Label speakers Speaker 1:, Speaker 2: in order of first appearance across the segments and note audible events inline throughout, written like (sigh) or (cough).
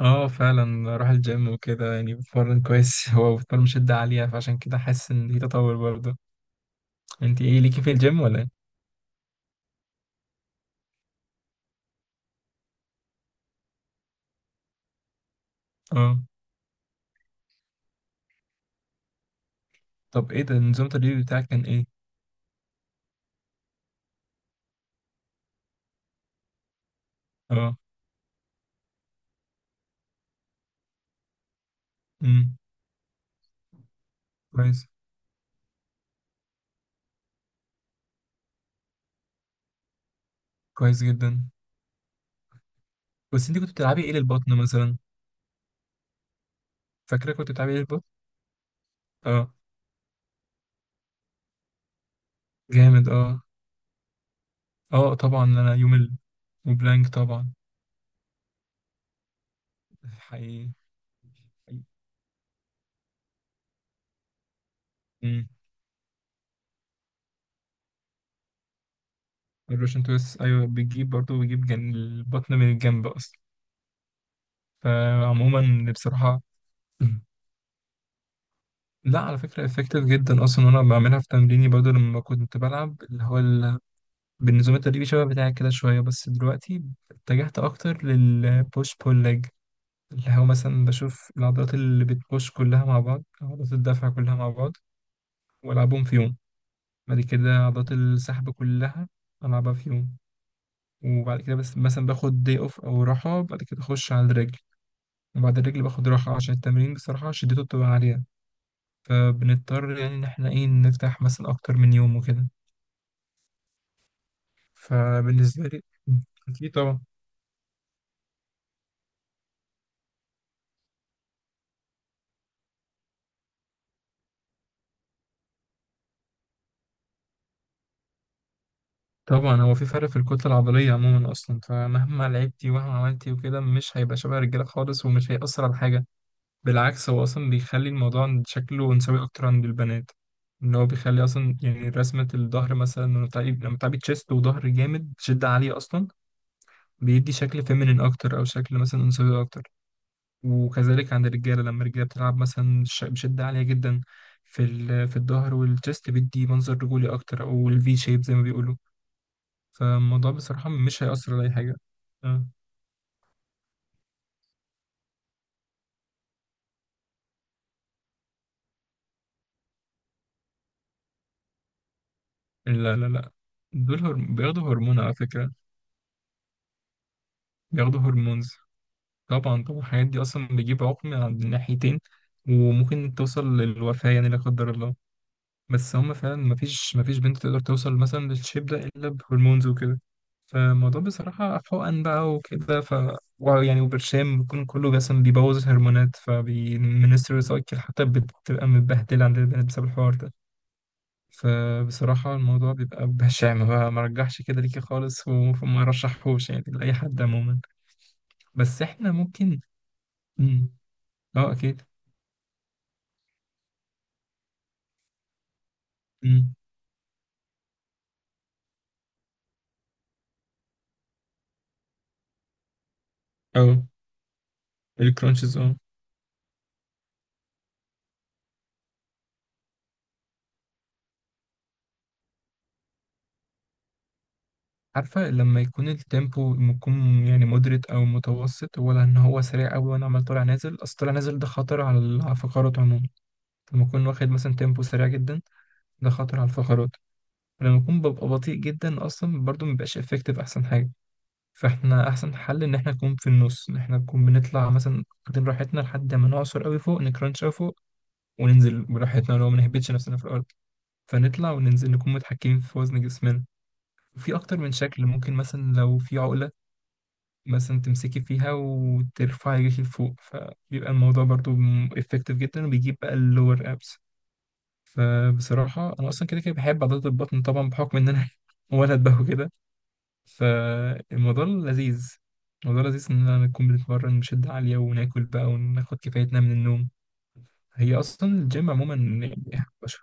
Speaker 1: اه، فعلا اروح الجيم وكده. يعني بتمرن كويس. (laughs) هو بتمرن شدة عالية، فعشان كده حاسس ان في تطور برضه. انت ايه ليكي في الجيم ولا ايه؟ اه. طب ايه ده نظام التدريب بتاعك كان ايه؟ اه. امم. كويس. كويس جدا. بس انت كنت بتلعبي ايه للبطن مثلا؟ فاكرة كنت بتلعبي ايه للبطن؟ اه. جامد، اه. اه طبعا، انا يوم وبلانك طبعا. حقيقي. امم. الروشن تويست، ايوه بيجيب برضه بيجيب البطن من الجنب اصلا. فعموما بصراحة. (laughs) لا، على فكرة افكتيف جدا اصلا. انا بعملها في تمريني برضو لما كنت بلعب اللي هو بالنظام التدريبي شبه بتاعك كده شوية. بس دلوقتي اتجهت اكتر للبوش بول ليج، اللي هو مثلا بشوف العضلات اللي بتبوش كلها مع بعض، عضلات الدفع كلها مع بعض، والعبهم في يوم. بعد كده عضلات السحب كلها العبها في يوم. وبعد كده بس مثلا باخد دي اوف او راحة، بعد كده اخش على الرجل. وبعد الرجل باخد راحة، عشان التمرين بصراحة شدته بتبقى عالية، فبنضطر يعني إن إحنا إيه نفتح مثلا أكتر من يوم وكده. فبالنسبة لي أكيد طبعا. طبعا هو في فرق في الكتلة العضلية عموما أصلا، فمهما لعبتي ومهما عملتي وكده مش هيبقى شبه الرجالة خالص، ومش هيأثر على حاجة. بالعكس، هو أصلا بيخلي الموضوع عند شكله أنثوي أكتر عند البنات. إن هو بيخلي أصلا يعني رسمة الظهر مثلا لما تعبي تشيست وظهر جامد شدة عالية أصلا، بيدي شكل فيمينين أكتر أو شكل مثلا أنثوي أكتر. وكذلك عند الرجالة، لما الرجالة بتلعب مثلا بشدة عالية جدا في في الظهر والجست، بيدي منظر رجولي أكتر أو الفي شيب زي ما بيقولوا. فالموضوع بصراحة مش هيأثر على أي حاجة. آه. لا، لا، لا، دول بياخدوا هرمون على فكرة. بياخدوا هرمونز. طبعا، طبعا. الحاجات دي أصلا بتجيب عقم عند الناحيتين، وممكن توصل للوفاة يعني لا قدر الله. بس هم فعلا، مفيش، مفيش بنت تقدر توصل مثلا للشيب ده إلا بهرمونز وكده. فالموضوع بصراحة حقن بقى وكده، ف يعني وبرشام بيكون كله مثلا بيبوظ الهرمونات، فبيمنسترال سايكل حتى بتبقى متبهدلة عند البنات بسبب الحوار ده. فبصراحة الموضوع بيبقى بشع بقى. ما رجحش كده ليكي خالص، وما رشحهوش يعني لأي حد عموما. بس احنا ممكن. مم. اه، اكيد. مم. اه. الكرانشز، اه. عارفة، لما يكون التيمبو يكون يعني مدرت أو متوسط، ولا إن هو سريع أوي وأنا عمال طالع نازل؟ أصل طالع نازل ده خطر على على الفقرات عموما. لما أكون واخد مثلا تيمبو سريع جدا ده خطر على الفقرات. ولما أكون ببقى بطيء جدا أصلا، برضه مبيبقاش إفكتيف. أحسن حاجة فإحنا أحسن حل، إن إحنا نكون في النص، إن إحنا نكون بنطلع مثلا واخدين راحتنا لحد ما نعصر أوي فوق، نكرانش أوي فوق، وننزل براحتنا ولو ما نهبطش نفسنا في الأرض. فنطلع وننزل نكون متحكمين في وزن جسمنا. في اكتر من شكل، ممكن مثلا لو في عقلة مثلا تمسكي فيها وترفعي رجلك لفوق، فبيبقى الموضوع برضو افكتيف جدا، وبيجيب بقى اللور ابس. فبصراحة أنا أصلا كده كده بحب عضلات البطن طبعا، بحكم إن أنا (laughs) ولد بقى وكده. فالموضوع لذيذ. الموضوع لذيذ، إن أنا نكون بنتمرن بشدة عالية، وناكل بقى وناخد كفايتنا من النوم. هي أصلا الجيم عموما يعني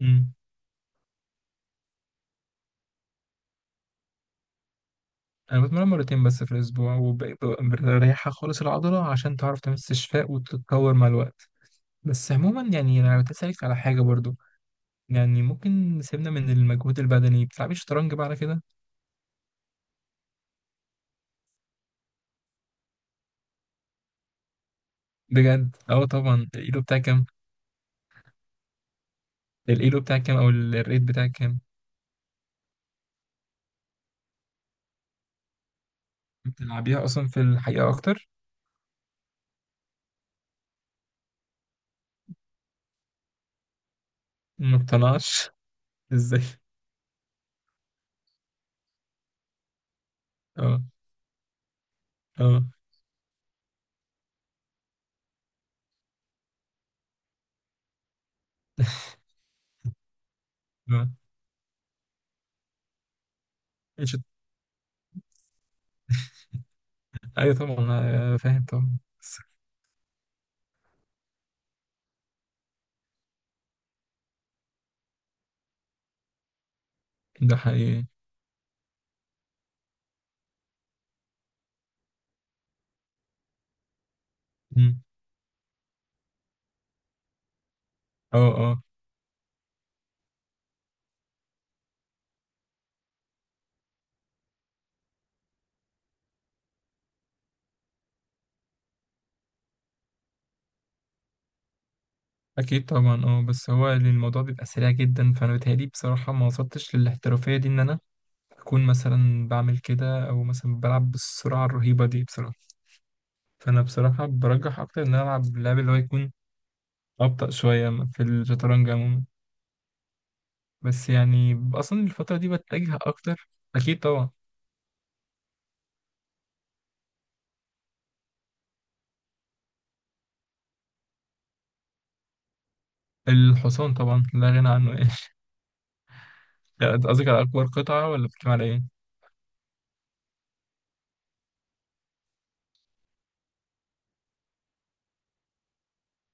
Speaker 1: مم. أنا بتمرن مرتين بس في الأسبوع، وبريحها خالص العضلة عشان تعرف تعمل استشفاء وتتطور مع الوقت. بس عموما يعني انا كنت اسالك على حاجه برضو. يعني ممكن سيبنا من المجهود البدني، بتلعبي شطرنج بقى على كده؟ بجد، اه طبعا. الايلو بتاعك كام؟ الايلو بتاعك كام، او الريت بتاعك كام؟ بتلعبيها اصلا في الحقيقه اكتر؟ ما بتقنعش. (laughs) ازاي؟ اه. اه. اه. إيش- ايوه طبعا، أنا فاهم طبعا، بس. ده حقيقي. مم. اه. اه، اكيد طبعا. اه بس هو الموضوع بيبقى سريع جدا، فانا بتهيألي بصراحه ما وصلتش للاحترافيه دي ان انا أكون مثلا بعمل كده، أو مثلا بلعب بالسرعة الرهيبة دي بصراحة. فأنا بصراحة برجح أكتر إن أنا ألعب، لعب اللي هو يكون أبطأ شوية في الشطرنج عموما. بس يعني أصلا الفترة دي بتجه أكتر. أكيد طبعا. الحصان طبعا لا غنى عنه (laughs) يعني. لا، أنت قصدك على أكبر قطعة، ولا بتتكلم على إيه؟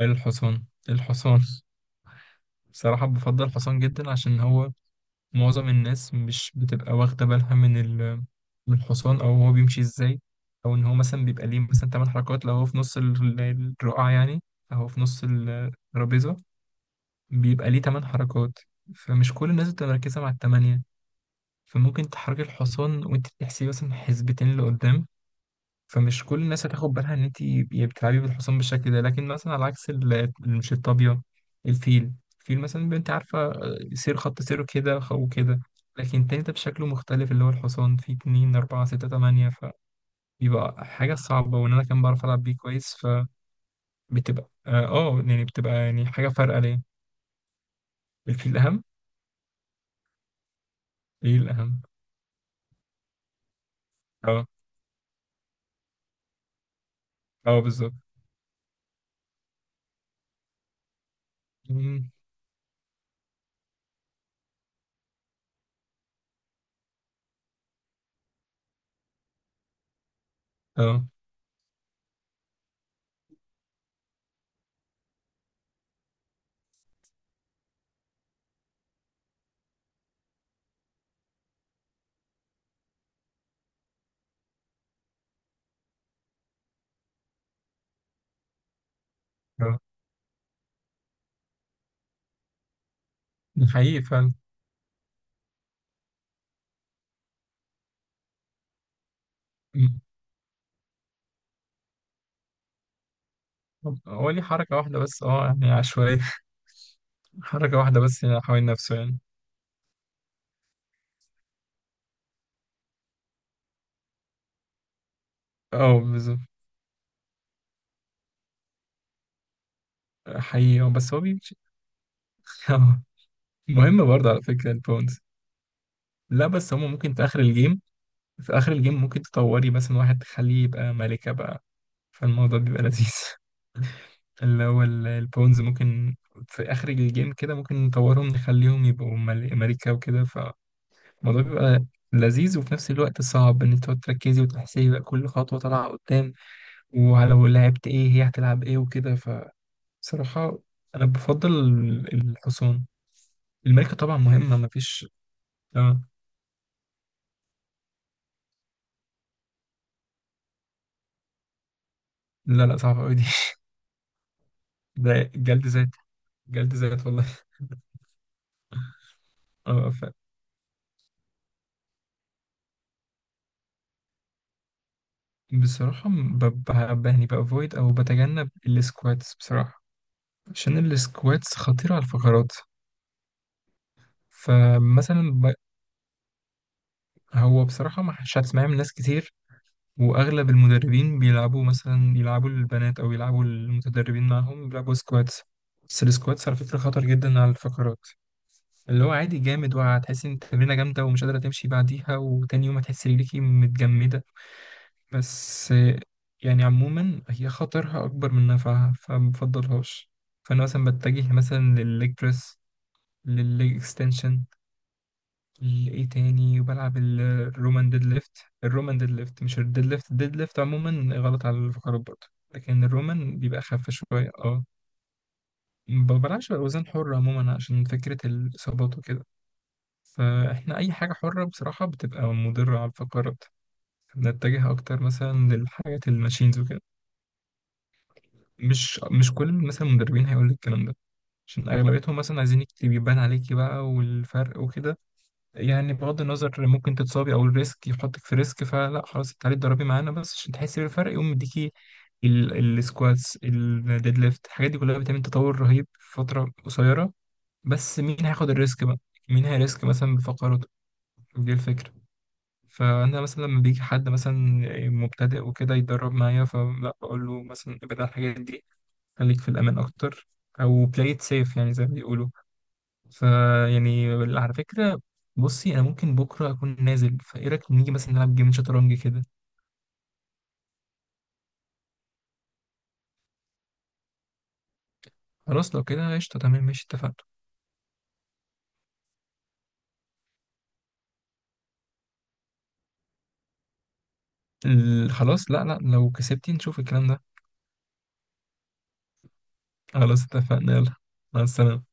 Speaker 1: الحصان. الحصان. بصراحة بفضل الحصان جدا، عشان هو معظم الناس مش بتبقى واخدة بالها من ال، من الحصان، أو هو بيمشي إزاي، أو إن هو مثلا بيبقى ليه مثلا تمن حركات لو هو في نص الرقعة يعني، أو هو في نص الترابيزة بيبقى ليه تمن حركات. فمش كل الناس بتبقى مركزة مع التمانية. فممكن تحركي الحصان وأنت بتحسبي مثلا حسبتين لقدام، فمش كل الناس هتاخد بالها ان انت بتلعبي بالحصان بالشكل ده. لكن مثلا على عكس مش الطابية، الفيل. الفيل مثلا بيبقى، انت عارفة، سير، خط سيره كده وكده. لكن التاني ده بشكله مختلف، اللي هو الحصان فيه اتنين أربعة ستة تمانية. فبيبقى حاجة صعبة، وإن أنا كان بعرف ألعب بيه كويس فبتبقى اه، يعني بتبقى يعني حاجة فارقة ليه. الفيل أهم؟ ايه الأهم؟ اه. اه بالظبط. مم. اه. اه، حقيقي فعلا. مم. هو ليه حركة واحدة بس، اه يعني عشوائية. حركة واحدة بس يعني حوالين نفسه يعني. اه بالظبط. حقيقي، اه، بس هو بيمشي. (laughs) اه. مهم برضه على فكرة البونز. لا، بس هما ممكن في آخر الجيم. في آخر الجيم ممكن تطوري مثلا واحد تخليه يبقى ملكة بقى. فالموضوع بيبقى لذيذ. (laughs) اللي هو البونز، ممكن في آخر الجيم كده ممكن نطورهم نخليهم يبقوا ملكة وكده. فالموضوع بيبقى لذيذ، وفي نفس الوقت صعب إن انت تقعد تركزي وتحسبي بقى كل خطوة طالعة قدام، ولو لعبت ايه هي هتلعب ايه وكده. بصراحة أنا بفضل الحصان. الملكة طبعا مهمة مفيش. آه. لا، لا، صعبة أوي دي. (laughs) ده جلد ذات. جلد ذات والله. اه، بصراحة يعني بأفويد أو بتجنب السكواتس بصراحة، عشان السكواتس خطيرة على الفقرات. فمثلا هو بصراحة ما مش هتسمعيه من ناس كتير. وأغلب المدربين بيلعبوا، مثلا يلعبوا البنات أو يلعبوا المتدربين معاهم بيلعبوا سكواتس. بس السكواتس على فكرة خطر جدا على الفقرات. اللي هو عادي جامد، وهتحس ان التمرينه جامده ومش قادره تمشي بعديها، وتاني يوم هتحس رجليكي متجمده. بس يعني عموما، هي خطرها اكبر من نفعها فمبفضلهاش. فانا مثلا بتجه مثلا للليج بريس، للليج اكستنشن، لايه تاني، وبلعب الرومان ديد ليفت. الرومان ديد ليفت، مش الديد ليفت. الديد ليفت عموما غلط على الفقرات برضه، لكن الرومان بيبقى اخف شويه، اه. ما بلعبش باوزان حره عموما عشان فكره الاصابات وكده. فاحنا اي حاجه حره بصراحه بتبقى مضره على الفقرات. بنتجه اكتر مثلا للحاجات الماشينز وكده. مش، مش كل مثلا المدربين هيقول لك الكلام ده، عشان اغلبيتهم مثلا عايزين يكتب يبان عليكي بقى والفرق وكده. يعني بغض النظر ممكن تتصابي او الريسك يحطك في ريسك. فلا، خلاص، انت عليك تدربي معانا بس عشان تحسي بالفرق، يقوم مديكي السكواتس، الديد ليفت، الحاجات دي كلها بتعمل تطور رهيب في فتره قصيره. بس مين هياخد الريسك بقى؟ مين هيريسك مثلا بفقراته؟ دي الفكره. فانا مثلا لما بيجي حد مثلا مبتدئ وكده يتدرب معايا، فلا، بقول له مثلا ابعد عن الحاجات دي، خليك في الامان اكتر، او play it safe يعني زي ما بيقولوا. فيعني، على فكره، بصي، انا ممكن بكره اكون نازل، فايه رايك نيجي مثلا نلعب جيم شطرنج كده؟ خلاص لو كده قشطه. تمام، ماشي، اتفقنا. خلاص، لا، لا، لو كسبتي نشوف الكلام ده. خلاص اتفقنا، يلا. مع السلامه.